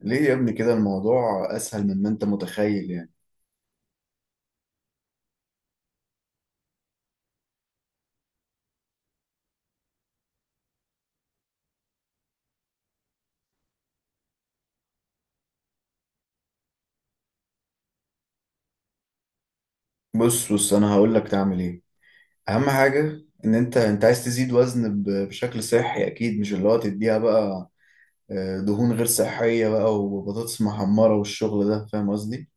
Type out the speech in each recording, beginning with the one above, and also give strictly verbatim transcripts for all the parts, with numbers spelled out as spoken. ليه يا ابني كده؟ الموضوع اسهل مما انت متخيل يعني. بص بص انا هقول لك تعمل ايه. اهم حاجه ان انت انت عايز تزيد وزن ب- بشكل صحي، اكيد مش اللي هو تديها بقى آه، دهون غير صحيه بقى وبطاطس محمره والشغل ده، فاهم قصدي.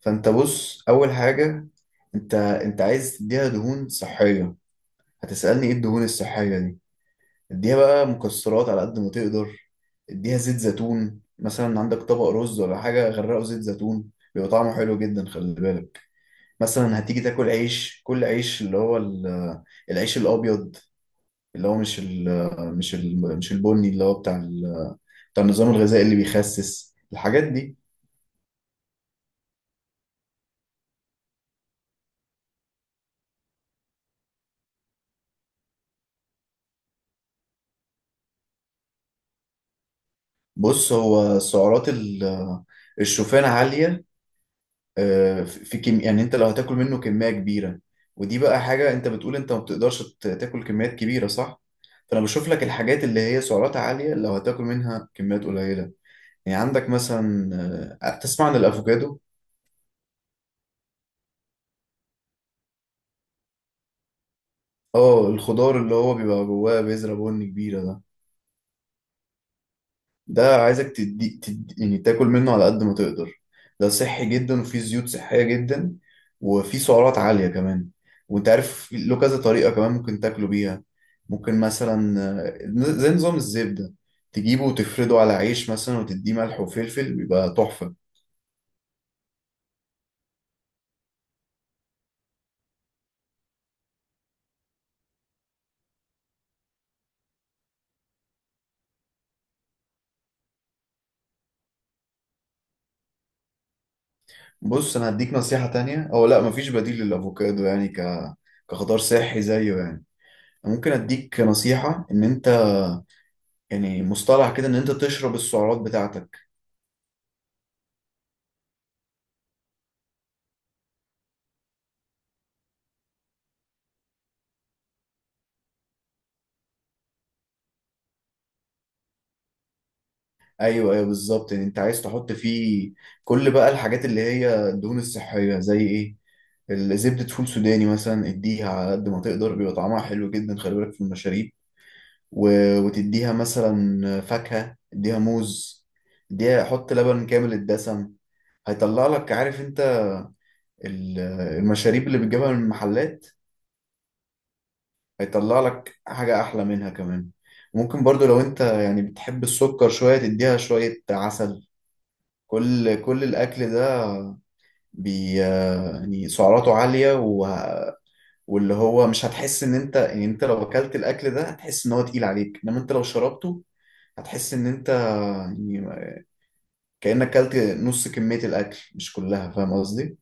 فانت بص، اول حاجه انت انت عايز تديها دهون صحيه. هتسالني ايه الدهون الصحيه دي؟ اديها بقى مكسرات على قد ما تقدر. اديها زيت زيتون مثلا، عندك طبق رز ولا حاجه، غرقه زيت زيتون، بيبقى طعمه حلو جدا، خلي بالك. مثلا هتيجي تاكل عيش، كل عيش اللي هو ال- العيش الابيض، اللي هو مش ال مش ال مش البني اللي هو بتاع ال- بتاع النظام الغذائي اللي بيخسس الحاجات دي. بص، هو سعرات ال- الشوفان عالية آه، في كم يعني، انت لو هتاكل منه كمية كبيرة. ودي بقى حاجة، انت بتقول انت ما بتقدرش ت- تاكل كميات كبيرة صح؟ فانا بشوف لك الحاجات اللي هي سعراتها عالية لو هتاكل منها كميات قليلة. يعني عندك مثلا آه، تسمع عن الافوكادو؟ اه، الخضار اللي هو بيبقى جواه بذرة بن كبيرة ده، ده عايزك تدي, تدي، يعني تاكل منه على قد ما تقدر. ده صحي جدا وفيه زيوت صحية جدا، وفيه سعرات عالية كمان. وانت عارف له كذا طريقة كمان ممكن تاكله بيها. ممكن مثلا آه، زي نظام الزبدة، تجيبه وتفرده على عيش مثلا وتديه ملح وفلفل بيبقى تحفة. بص، انا هديك نصيحة تانية. او لا، مفيش بديل للافوكادو يعني، ك كخضار صحي زيه يعني. ممكن اديك نصيحة ان انت، يعني مصطلح كده، ان انت تشرب السعرات بتاعتك. ايوه، ايوه، بالظبط. يعني انت عايز تحط فيه كل بقى الحاجات اللي هي الدهون الصحيه، زي ايه؟ الزبدة، فول سوداني مثلا، اديها على قد ما تقدر بيبقى طعمها حلو جدا، خلي بالك في المشاريب. و... وتديها مثلا فاكهة، اديها موز، اديها، حط لبن كامل الدسم. هيطلع لك، عارف انت ال- المشاريب اللي بتجيبها من المحلات؟ هيطلع لك حاجة أحلى منها كمان. ممكن برضو لو أنت يعني بتحب السكر شوية تديها شوية عسل. كل كل الأكل ده بي يعني سعراته عالية، و... واللي هو مش هتحس إن أنت، يعني أنت لو أكلت الأكل ده هتحس إن هو تقيل عليك، إنما أنت لو شربته هتحس إن أنت يعني كأنك أكلت نص كمية الأكل مش كلها، فاهم قصدي؟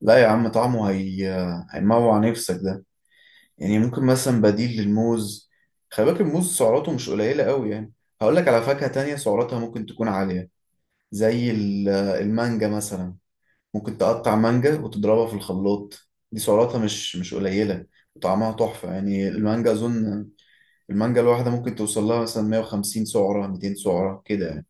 لا يا عم، طعمه هي... هيموع نفسك ده يعني. ممكن مثلا بديل للموز، خلي بالك الموز سعراته مش قليلة قوي يعني. هقول لك على فاكهة تانية سعراتها ممكن تكون عالية، زي ال- المانجا مثلا. ممكن تقطع مانجا وتضربها في الخلاط، دي سعراتها مش مش قليلة، وطعمها تحفة يعني. المانجا، أظن المانجا الواحدة ممكن توصل لها مثلا مئة وخمسين سعرة، مئتين سعرة كده يعني.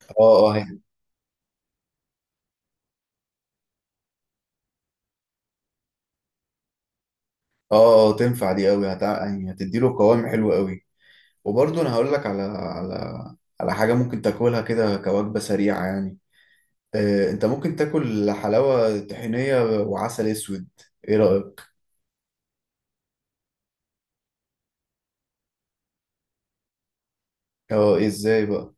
اه، اه، هي- اه، اه، تنفع دي قوي. هتع... يعني هتديله قوام حلو قوي. وبرضه انا هقول لك على على على حاجة ممكن تاكلها كده كوجبة سريعة، يعني آه، انت ممكن تاكل حلاوة طحينية وعسل اسود. ايه رأيك؟ اه، إيه ازاي بقى؟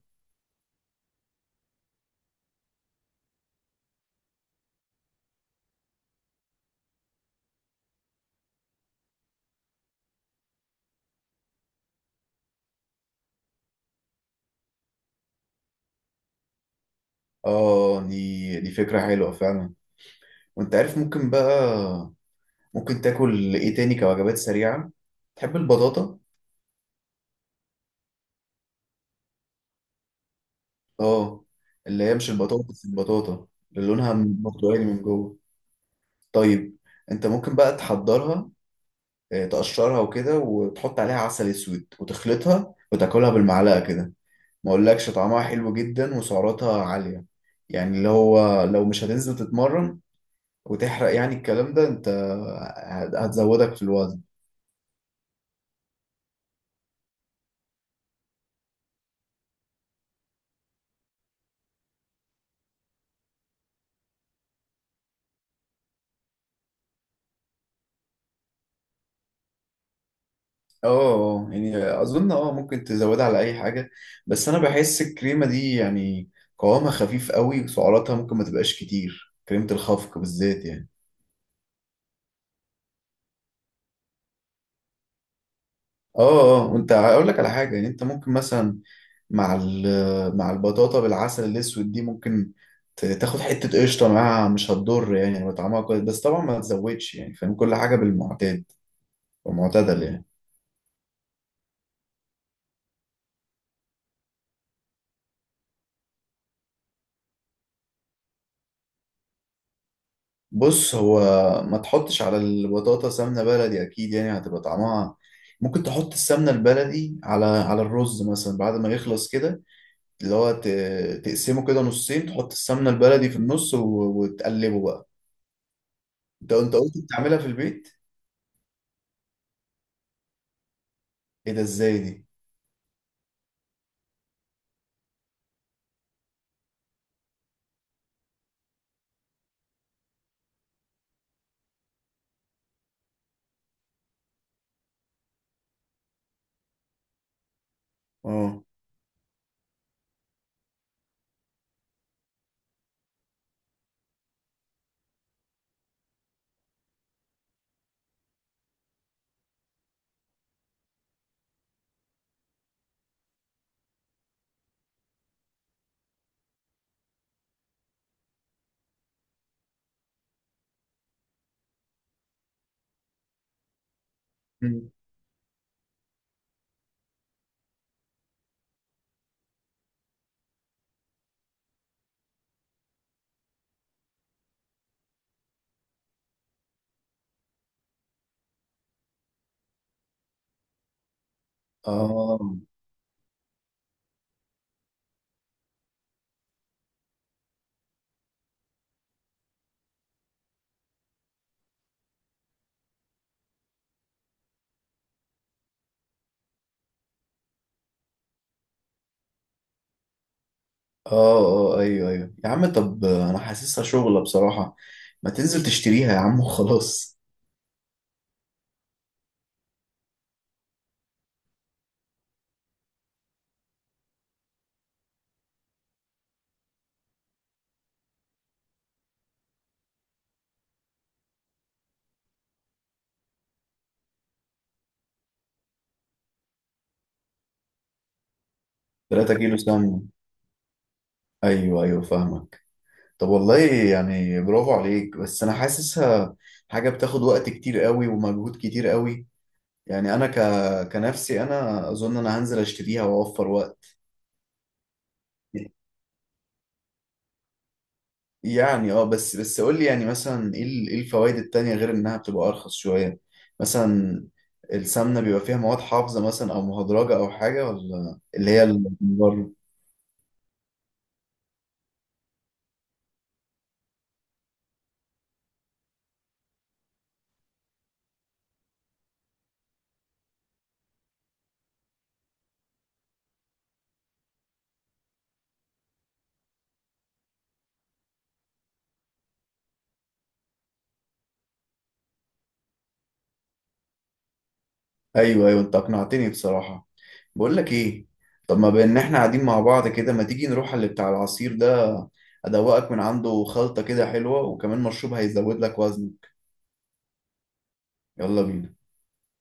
اه، دي دي فكرة حلوة فعلا. وانت عارف، ممكن بقى ممكن تاكل ايه تاني كوجبات سريعة؟ تحب البطاطا؟ اه، اللي هي مش البطاطا بس، البطاطا اللي لونها برتقالي من جوه. طيب، انت ممكن بقى تحضرها، آه، تقشرها وكده، وتحط عليها عسل اسود وتخلطها وتاكلها بالمعلقة كده. ما اقولكش طعمها حلو جدا وسعراتها عالية. يعني اللي هو لو مش هتنزل تتمرن وتحرق يعني الكلام ده، انت هت- هتزودك في الوزن. اه، آه، آه. يعني اظن اه ممكن تزودها على اي حاجة. بس انا بحس الكريمة دي يعني قوامها خفيف قوي، وسعراتها ممكن ما تبقاش كتير، كريمة الخفق بالذات يعني. اه، اه. وانت، هقول لك على حاجه. يعني انت ممكن مثلا مع ال- مع البطاطا بالعسل الاسود دي، ممكن ت- تاخد حته قشطه معاها، مش هتضر يعني لما طعمها كويس. بس طبعا ما تزودش يعني، فاهم، كل حاجه بالمعتاد ومعتدل يعني. بص هو، ما تحطش على البطاطا سمنه بلدي اكيد يعني هتبقى طعمها. ممكن تحط السمنه البلدي على على الرز مثلا بعد ما يخلص كده، اللي هو ت- تقسمه كده نصين، تحط السمنه البلدي في النص و- وتقلبه بقى. انت انت قلت بتعملها في البيت؟ ايه ده، ازاي دي؟ اه. مم. اه، اه. اه، ايوه، ايوه يا عم. طب انا حاسسها شغلة بصراحة، ما تنزل تشتريها يا عم وخلاص؟ تلات كيلو سمنة. ايوه، ايوه، فاهمك. طب والله يعني برافو عليك، بس انا حاسسها حاجة بتاخد وقت كتير قوي ومجهود كتير قوي يعني. انا ك... كنفسي انا، اظن انا هنزل اشتريها واوفر وقت. يعني اه، بس بس قول لي يعني مثلا ايه ال- ايه الفوائد التانية غير انها بتبقى ارخص شوية؟ مثلا السمنة بيبقى فيها مواد حافظة مثلا، او مهدرجة او حاجة، ولا اللي هي اللي من بره؟ ايوه، ايوه، انت اقنعتني بصراحة. بقول لك ايه، طب ما بان احنا قاعدين مع بعض كده، ما تيجي نروح على اللي بتاع العصير ده؟ ادوقك من عنده خلطة كده حلوة، وكمان مشروب هيزود لك وزن. يلا بينا.